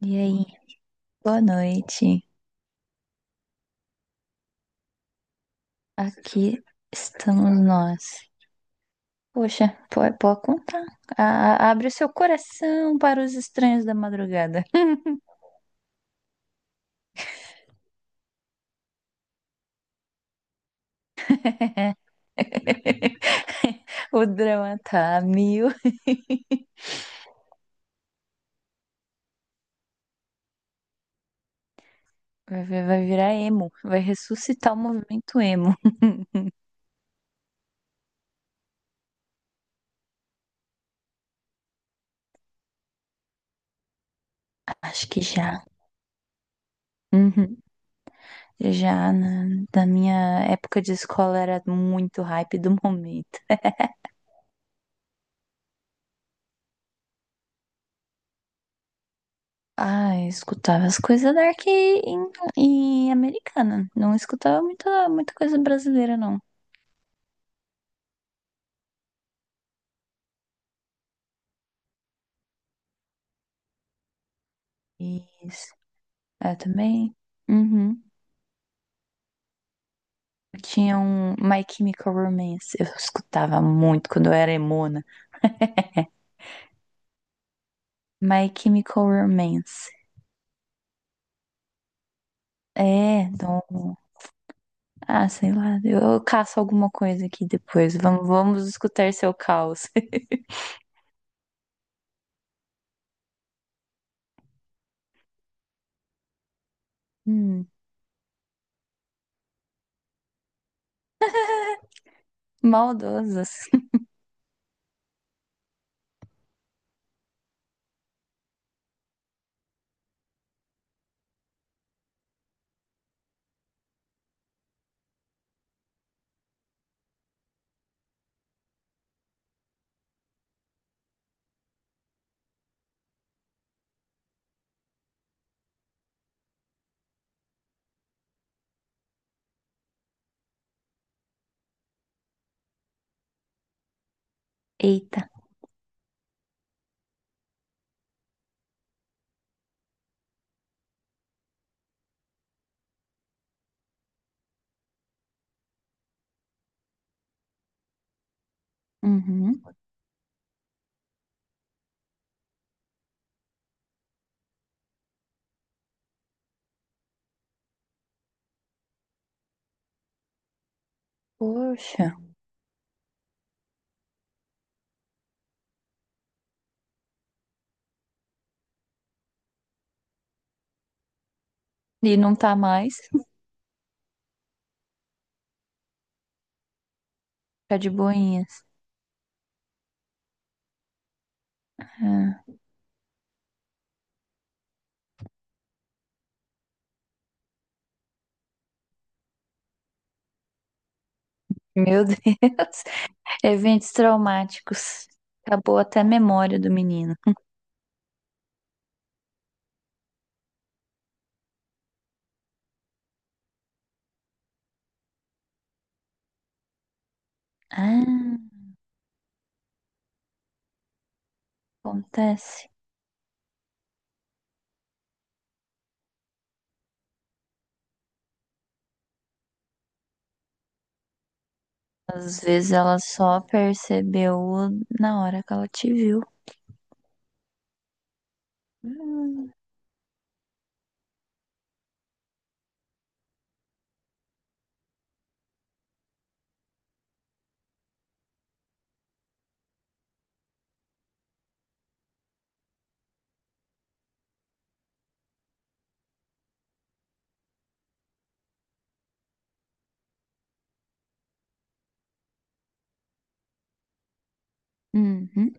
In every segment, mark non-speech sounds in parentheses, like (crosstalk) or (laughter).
E aí, boa noite. Aqui estamos nós. Poxa, pode contar. Abre o seu coração para os estranhos da madrugada. (laughs) O drama tá a mil. Vai virar emo. Vai ressuscitar o movimento emo. Acho que já. Uhum. Já na, Na minha época de escola era muito hype do momento. Ah, eu escutava as coisas dark em e americana. Não escutava muita coisa brasileira, não. Isso. Eu também. Uhum. Eu tinha um My Chemical Romance. Eu escutava muito quando eu era emona. My Chemical Romance. É, não. Ah, sei lá. Eu caço alguma coisa aqui depois. Vamos escutar seu caos. (laughs) Hum, maldosas. Eita. Uhum. Poxa. E não tá mais. Tá de boinhas. Ah, meu Deus. (laughs) Eventos traumáticos. Acabou até a memória do menino. Ah, acontece. Às vezes ela só percebeu na hora que ela te viu. Hum. Uhum.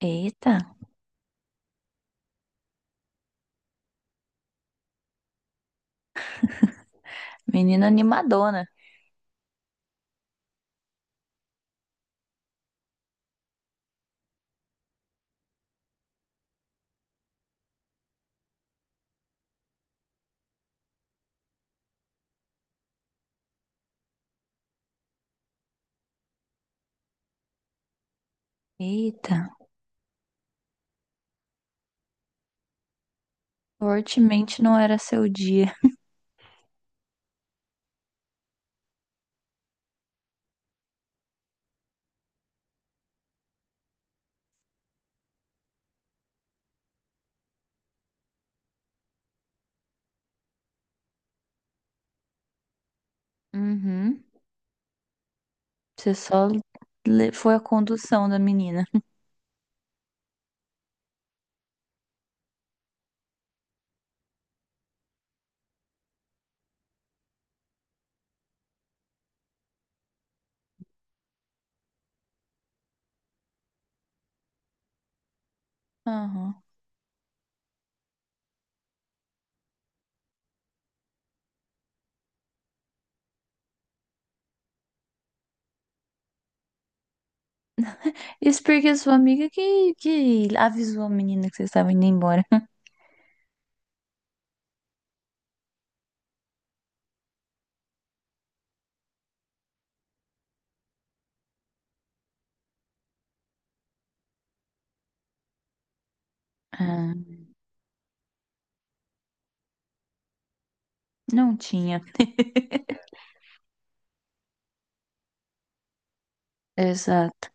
Eita, menina animadona. Eita, fortemente não era seu dia. Uhum. Você só foi a condução da menina. Aham. Isso porque sua amiga que avisou a menina que vocês estavam indo embora. (laughs) Ah, não tinha. (laughs) Exato.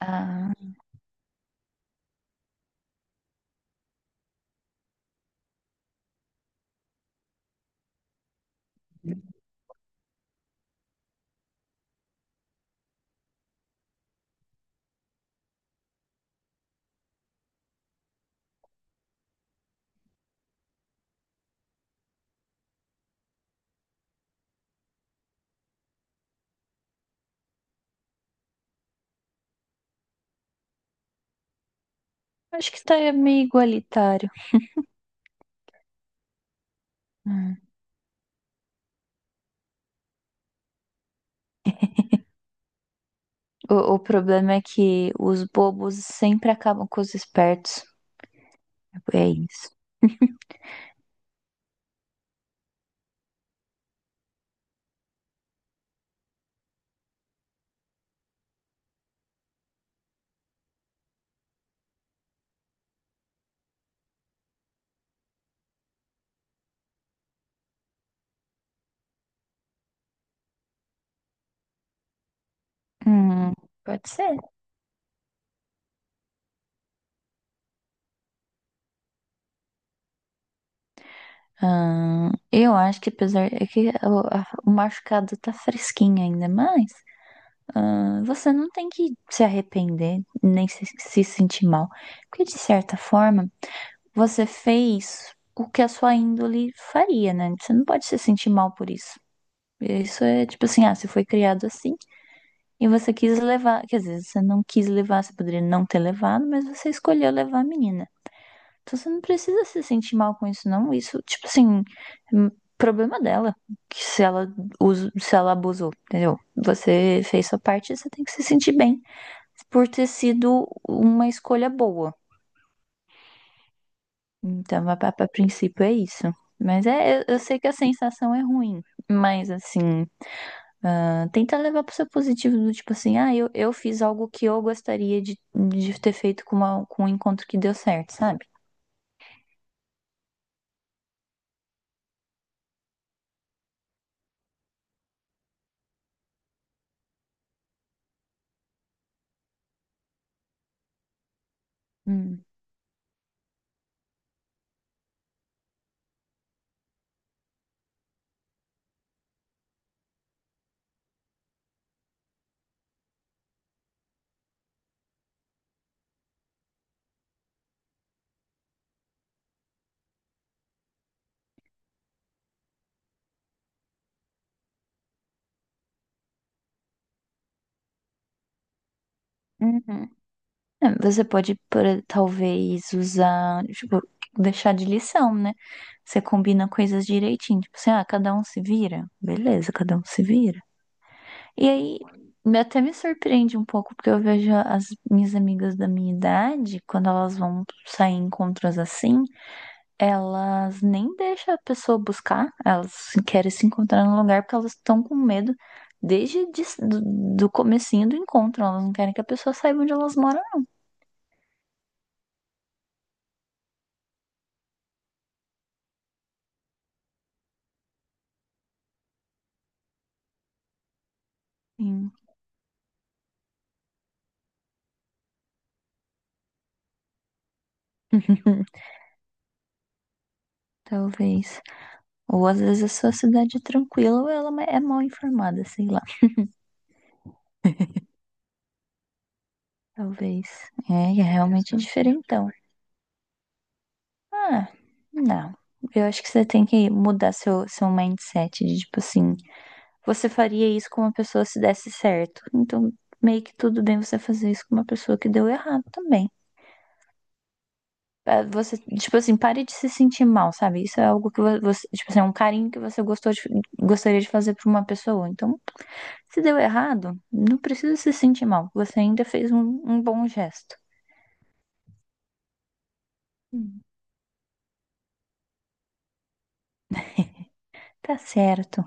Ah, acho que está meio igualitário. Hum. O problema é que os bobos sempre acabam com os espertos. É isso. (laughs) Hum, pode ser. Ah, eu acho que apesar é que o machucado tá fresquinho ainda, mas ah, você não tem que se arrepender, nem se sentir mal, porque de certa forma você fez o que a sua índole faria, né? Você não pode se sentir mal por isso. Isso é tipo assim, ah, você foi criado assim e você quis levar, quer dizer, você não quis levar, você poderia não ter levado, mas você escolheu levar a menina. Então você não precisa se sentir mal com isso, não. Isso, tipo assim, é problema dela, que se ela, us- se ela abusou, entendeu? Você fez sua parte, você tem que se sentir bem por ter sido uma escolha boa. Então, a princípio é isso. Mas é, eu sei que a sensação é ruim, mas assim, ah, tenta levar pro seu positivo, do tipo assim, ah, eu fiz algo que eu gostaria de ter feito com, com um encontro que deu certo, sabe? Hum. Uhum. É, você pode, por, talvez, usar, tipo, deixar de lição, né? Você combina coisas direitinho. Tipo assim, ah, cada um se vira. Beleza, cada um se vira. E aí, até me surpreende um pouco, porque eu vejo as minhas amigas da minha idade, quando elas vão sair em encontros assim, elas nem deixam a pessoa buscar, elas querem se encontrar no lugar porque elas estão com medo desde de, do, do comecinho do encontro. Elas não querem que a pessoa saiba onde elas moram. Assim. (laughs) Talvez. Ou às vezes a sua cidade é tranquila ou ela é mal informada, sei lá. Talvez. É, é realmente diferentão. Ah, não. Eu acho que você tem que mudar seu mindset de tipo assim, você faria isso com uma pessoa se desse certo. Então, meio que tudo bem você fazer isso com uma pessoa que deu errado também. Ah, você, tipo assim, pare de se sentir mal, sabe? Isso é algo que você, tipo assim, é um carinho que você gostou gostaria de fazer pra uma pessoa. Então, se deu errado, não precisa se sentir mal. Você ainda fez um bom gesto. Hum. Tá certo.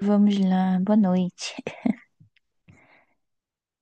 Vamos lá. Boa noite.